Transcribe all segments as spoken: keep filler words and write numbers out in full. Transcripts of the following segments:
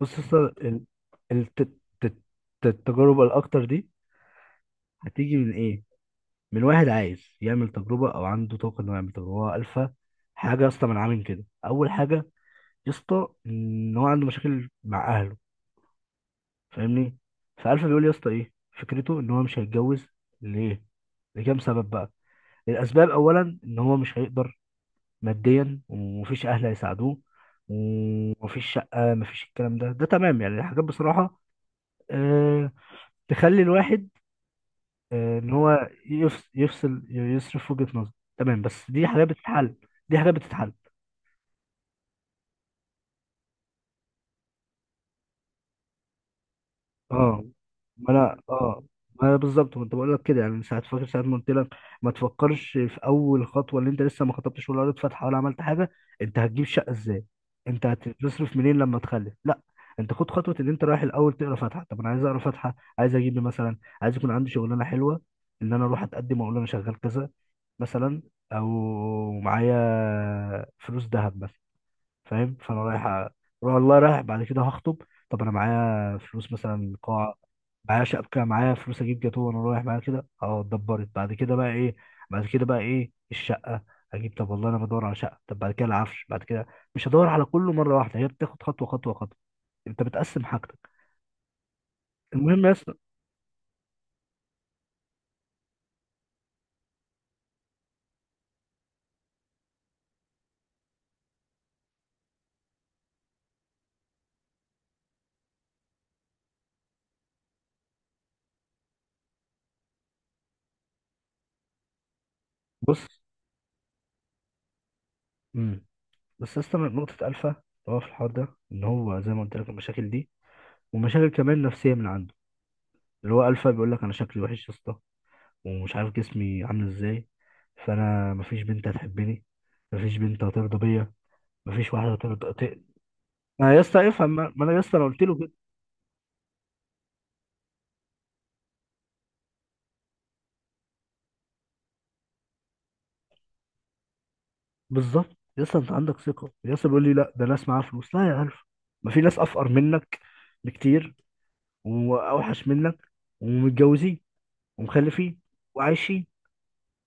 بص، اصل ال- الت- الت- التجارب الاكتر دي هتيجي من ايه؟ من واحد عايز يعمل تجربه او عنده طاقه انه يعمل تجربه. هو الفا حاجه يا اسطى، من عامل كده. اول حاجه يا اسطى ان هو عنده مشاكل مع اهله، فاهمني؟ فالفا بيقول يا اسطى ايه؟ فكرته ان هو مش هيتجوز. ليه؟ لكام سبب بقى. الاسباب اولا ان هو مش هيقدر ماديا، ومفيش اهل هيساعدوه، ومفيش شقه، مفيش الكلام ده. ده تمام يعني، الحاجات بصراحه أه تخلي الواحد آه، ان هو يفصل، يفصل يصرف وجهة نظر. تمام، بس دي حاجات بتتحل. دي حاجات بتتحل. اه، ما انا اه ما انا بالظبط كنت بقول لك كده يعني، من ساعه، فاكر ساعه ما قلت لك ما تفكرش في اول خطوه، اللي انت لسه ما خطبتش ولا قريت فاتحه ولا عملت حاجه. انت هتجيب شقه ازاي؟ انت هتصرف منين لما تخلف؟ لا، انت خد خطوه. ان انت رايح الاول تقرا فاتحه، طب انا عايز اقرا فاتحه، عايز اجيب لي مثلا، عايز يكون عندي شغلانه حلوه، ان انا اروح اتقدم واقول انا شغال كذا مثلا، او معايا فلوس ذهب مثلا، فاهم؟ فانا رايح أ- والله رايح بعد كده هخطب. طب انا معايا فلوس مثلا، قاعه معايا، شبكه معايا، فلوس اجيب جاتوه، وانا رايح معايا كده، اه اتدبرت. بعد كده بقى ايه؟ بعد كده بقى ايه الشقه؟ اجيب. طب والله انا بدور على شقه. طب بعد كده العفش، بعد كده. مش هدور على كله مره واحده، هي بتاخد خطوه خطوه خطوه. انت بتقسم حاجتك. المهم يا اسطى، بص، امم، بس يا اسطى، من نقطه الفا اللي هو في الحوار ده، ان هو زي ما قلت لك المشاكل دي، ومشاكل كمان نفسيه من عنده. اللي هو الفا بيقول لك انا شكلي وحش يا اسطى، ومش عارف جسمي عامل ازاي، فانا مفيش بنت هتحبني، مفيش بنت هترضى بيا، مفيش واحده هترضى ت- ما يا اسطى افهم. ما ما انا يا اسطى انا قلت له كده بالظبط. يا اسطى انت عندك ثقه يا اسطى، بيقول لي لا ده ناس معاها فلوس، لا يا عارف، ما في ناس افقر منك بكتير، واوحش منك، ومتجوزين، ومخلفين، وعايشين.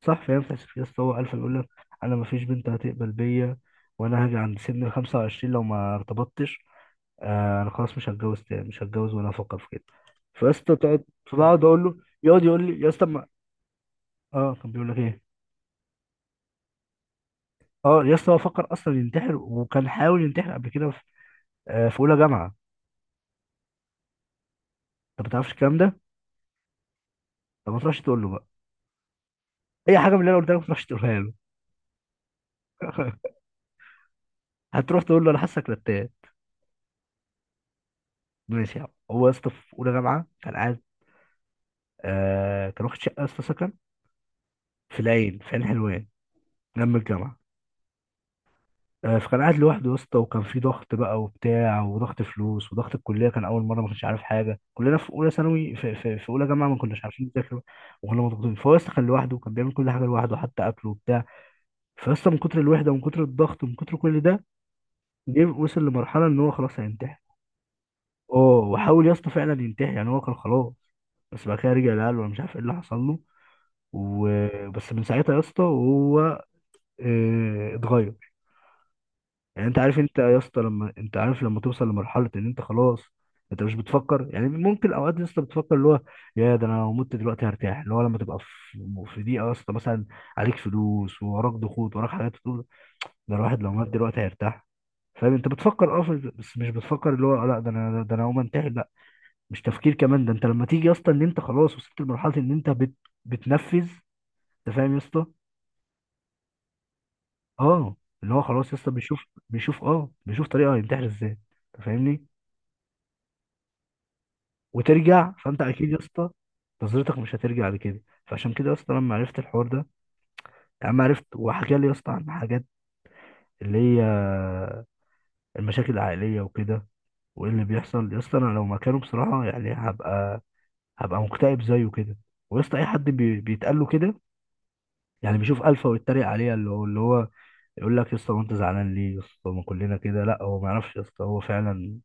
صح؟ فاهم فاهم يا اسطى، هو عارف، يقول لك انا مفيش بنت هتقبل بيا، وانا هاجي عند سن ال خمسة وعشرين لو ما ارتبطتش، آه انا خلاص مش هتجوز تاني، مش هتجوز ولا افكر في كده. فيا اسطى تقعد، فبقعد اقول له، يقعد يقول لي يا اسطى ما، اه كان بيقول لك ايه؟ اه يا اسطى، هو فكر اصلا ينتحر، وكان حاول ينتحر قبل كده في, آه في اولى جامعه. انت ما تعرفش الكلام ده؟ طب ما تروحش تقول له بقى اي حاجه من اللي انا قلت لك، ما تروحش تقولها له. هتروح تقول له انا حاسك رتان. ماشي يا عم. هو يا اسطى في اولى جامعه كان قاعد، آه كان واخد شقه يا اسطى، سكن في العين، في عين حلوان، جنب الجامعه. آه، فكان قاعد لوحده يا اسطى، وكان في ضغط بقى وبتاع، وضغط فلوس، وضغط الكليه، كان اول مره، ما كنتش عارف حاجه، كلنا في اولى ثانوي في, في, في اولى جامعه ما كناش عارفين نذاكر، وكنا مضغوطين. فهو يا اسطى كان لوحده، وكان بيعمل كل حاجه لوحده، حتى اكله وبتاع. فيا اسطى من كتر الوحده، ومن كتر الضغط، ومن كتر كل ده، جه وصل لمرحله ان هو خلاص هينتحر. اه وحاول يا اسطى فعلا ينتحر، يعني هو كان خلاص. بس بعد كده رجع، لقاله انا مش عارف ايه اللي حصل له. وبس من ساعتها يا اسطى وهو آه، اتغير. يعني انت عارف، انت يا اسطى لما انت عارف لما توصل لمرحله ان انت خلاص، انت مش بتفكر يعني، ممكن اوقات يا اسطى بتفكر اللي هو يا ده انا لو مت دلوقتي هرتاح، اللي هو لما تبقى في في ضيقه يا اسطى مثلا، عليك فلوس ووراك ضغوط، وراك حاجات، تقول ده الواحد لو مات دلوقتي هيرتاح. فاهم؟ انت بتفكر اه في- بس مش بتفكر اللي هو لا ده انا، ده انا هقوم انتحر لا، مش تفكير كمان ده. انت لما تيجي يا اسطى ان انت خلاص وصلت لمرحله ان انت بت بتنفذ. انت فاهم يا اسطى؟ اه، اللي هو خلاص يا اسطى بيشوف، بيشوف اه بيشوف طريقه هينتحر ازاي. انت فاهمني؟ وترجع، فانت اكيد يا اسطى نظرتك مش هترجع لكده. فعشان كده يا اسطى لما عرفت الحوار ده، يعني لما عرفت وحكى لي يا اسطى عن حاجات اللي هي المشاكل العائليه وكده، وايه اللي بيحصل يا اسطى، انا لو مكانه بصراحه يعني هبقى، هبقى مكتئب زيه كده. ويا اسطى اي حد بي... بيتقال له كده، يعني بيشوف الفا ويتريق عليه، اللي هو اللي هو يقول لك يا اسطى وانت زعلان ليه يا اسطى، ما كلنا كده، لا هو ما يعرفش يا اسطى، هو فعلا،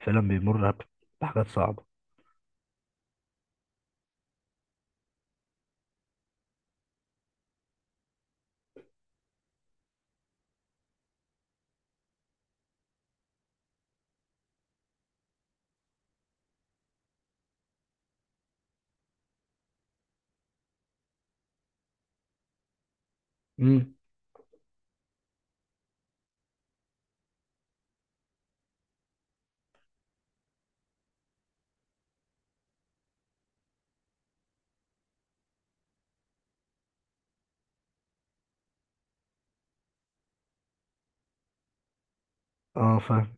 فعلا بيمر بحاجات صعبه. امم، اه فاهم،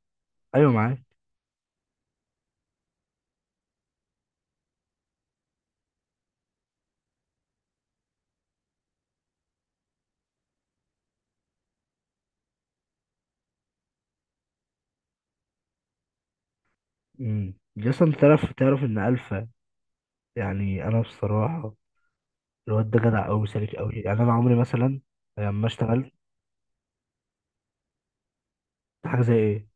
ايوه معاك، امم. اصلا تعرف، تعرف ان الفا، يعني انا بصراحه الواد ده جدع قوي، سالك قوي، يعني انا عمري مثلا لما اشتغلت. حاجه زي ايه؟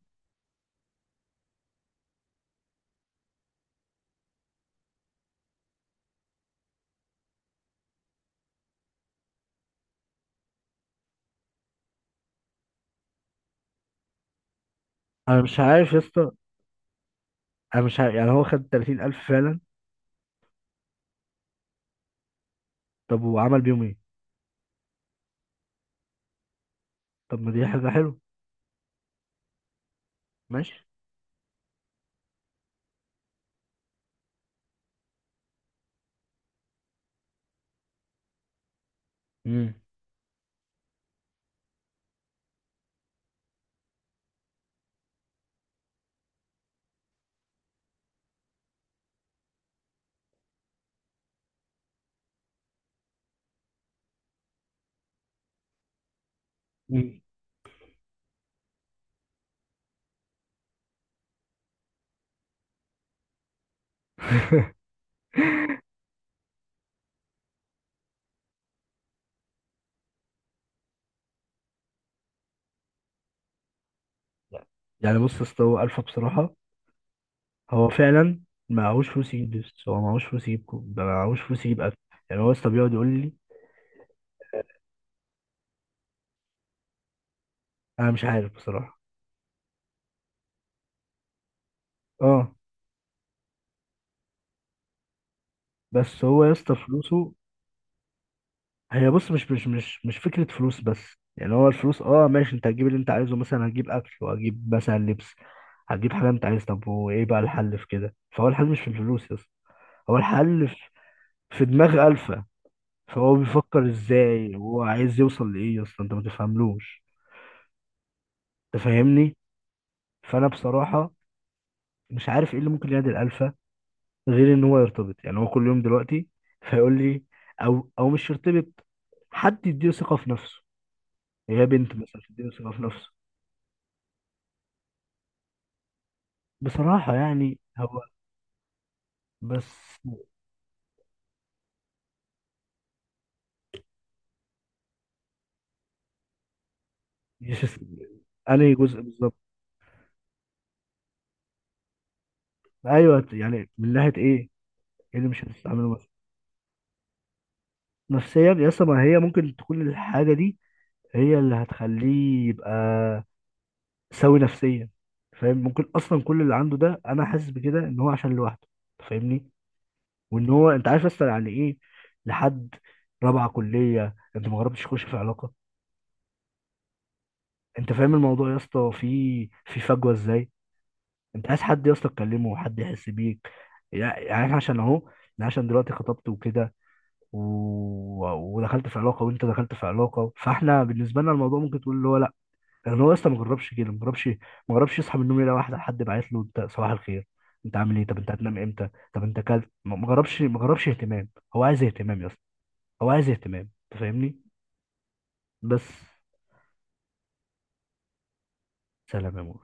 انا مش عارف يا اسطى، انا مش عارف، يعني هو خد تلاتين الف فعلا. طب وعمل بيهم ايه؟ طب ما دي حاجه حلوه. ماشي، امم، امم. يعني بص يا اسطى، هو الفا بصراحه، هو فعلا معهوش فلوس يجيب، بس هو معهوش فلوس يجيب كو- ده معهوش فلوس يجيب اكل. يعني هو يا اسطى بيقعد يقول لي، انا مش عارف بصراحه. اه، بس هو يا اسطى فلوسه، هي بص، مش مش مش مش فكرة فلوس بس يعني، هو الفلوس اه ماشي، انت هتجيب اللي انت عايزه، مثلا هتجيب اكل، وهتجيب مثلا لبس، هتجيب حاجة انت عايز. طب وايه بقى الحل في كده؟ فهو الحل مش في الفلوس بس، هو الحل في في دماغ ألفا. فهو بيفكر ازاي، هو عايز يوصل لايه يا اسطى، انت ما تفهملوش. انت فاهمني؟ فانا بصراحة مش عارف ايه اللي ممكن ينادي الألفا، غير ان هو يرتبط. يعني هو كل يوم دلوقتي فيقول لي، او او مش يرتبط، حد يديله ثقة في نفسه، هي بنت مثلا تديله ثقة في نفسه. بصراحة يعني هو، بس مش اس- أنهي جزء بالظبط؟ أيوه يعني، من ناحية إيه؟ إيه اللي مش هتستعمله مثلا؟ نفسيا يا اسطى، ما هي ممكن تكون الحاجة دي هي اللي هتخليه يبقى سوي نفسيا. فاهم؟ ممكن أصلا كل اللي عنده ده، أنا حاسس بكده، إن هو عشان لوحده. فاهمني؟ وإن هو، أنت عارف أصلا يعني إيه لحد رابعة كلية أنت ما جربتش تخش في علاقة؟ أنت فاهم الموضوع يا اسطى فيه في فجوة إزاي؟ انت عايز حد يا اسطى تكلمه، وحد يحس بيك. يعني يعني احنا عشان اهو، انا عشان دلوقتي خطبت وكده، و... ودخلت في علاقه، وانت دخلت في علاقه، فاحنا بالنسبه لنا الموضوع ممكن تقول اللي هو لا، لان هو لسه ما جربش كده، ما جربش، ما جربش يصحى من النوم يلاقي واحده، حد باعت له انت صباح الخير، انت عامل ايه، طب انت هتنام امتى، طب انت كلت، ما ما جربش، ما جربش اهتمام. هو عايز اهتمام يا اسطى، هو عايز اهتمام، انت فاهمني؟ بس. سلام يا مو.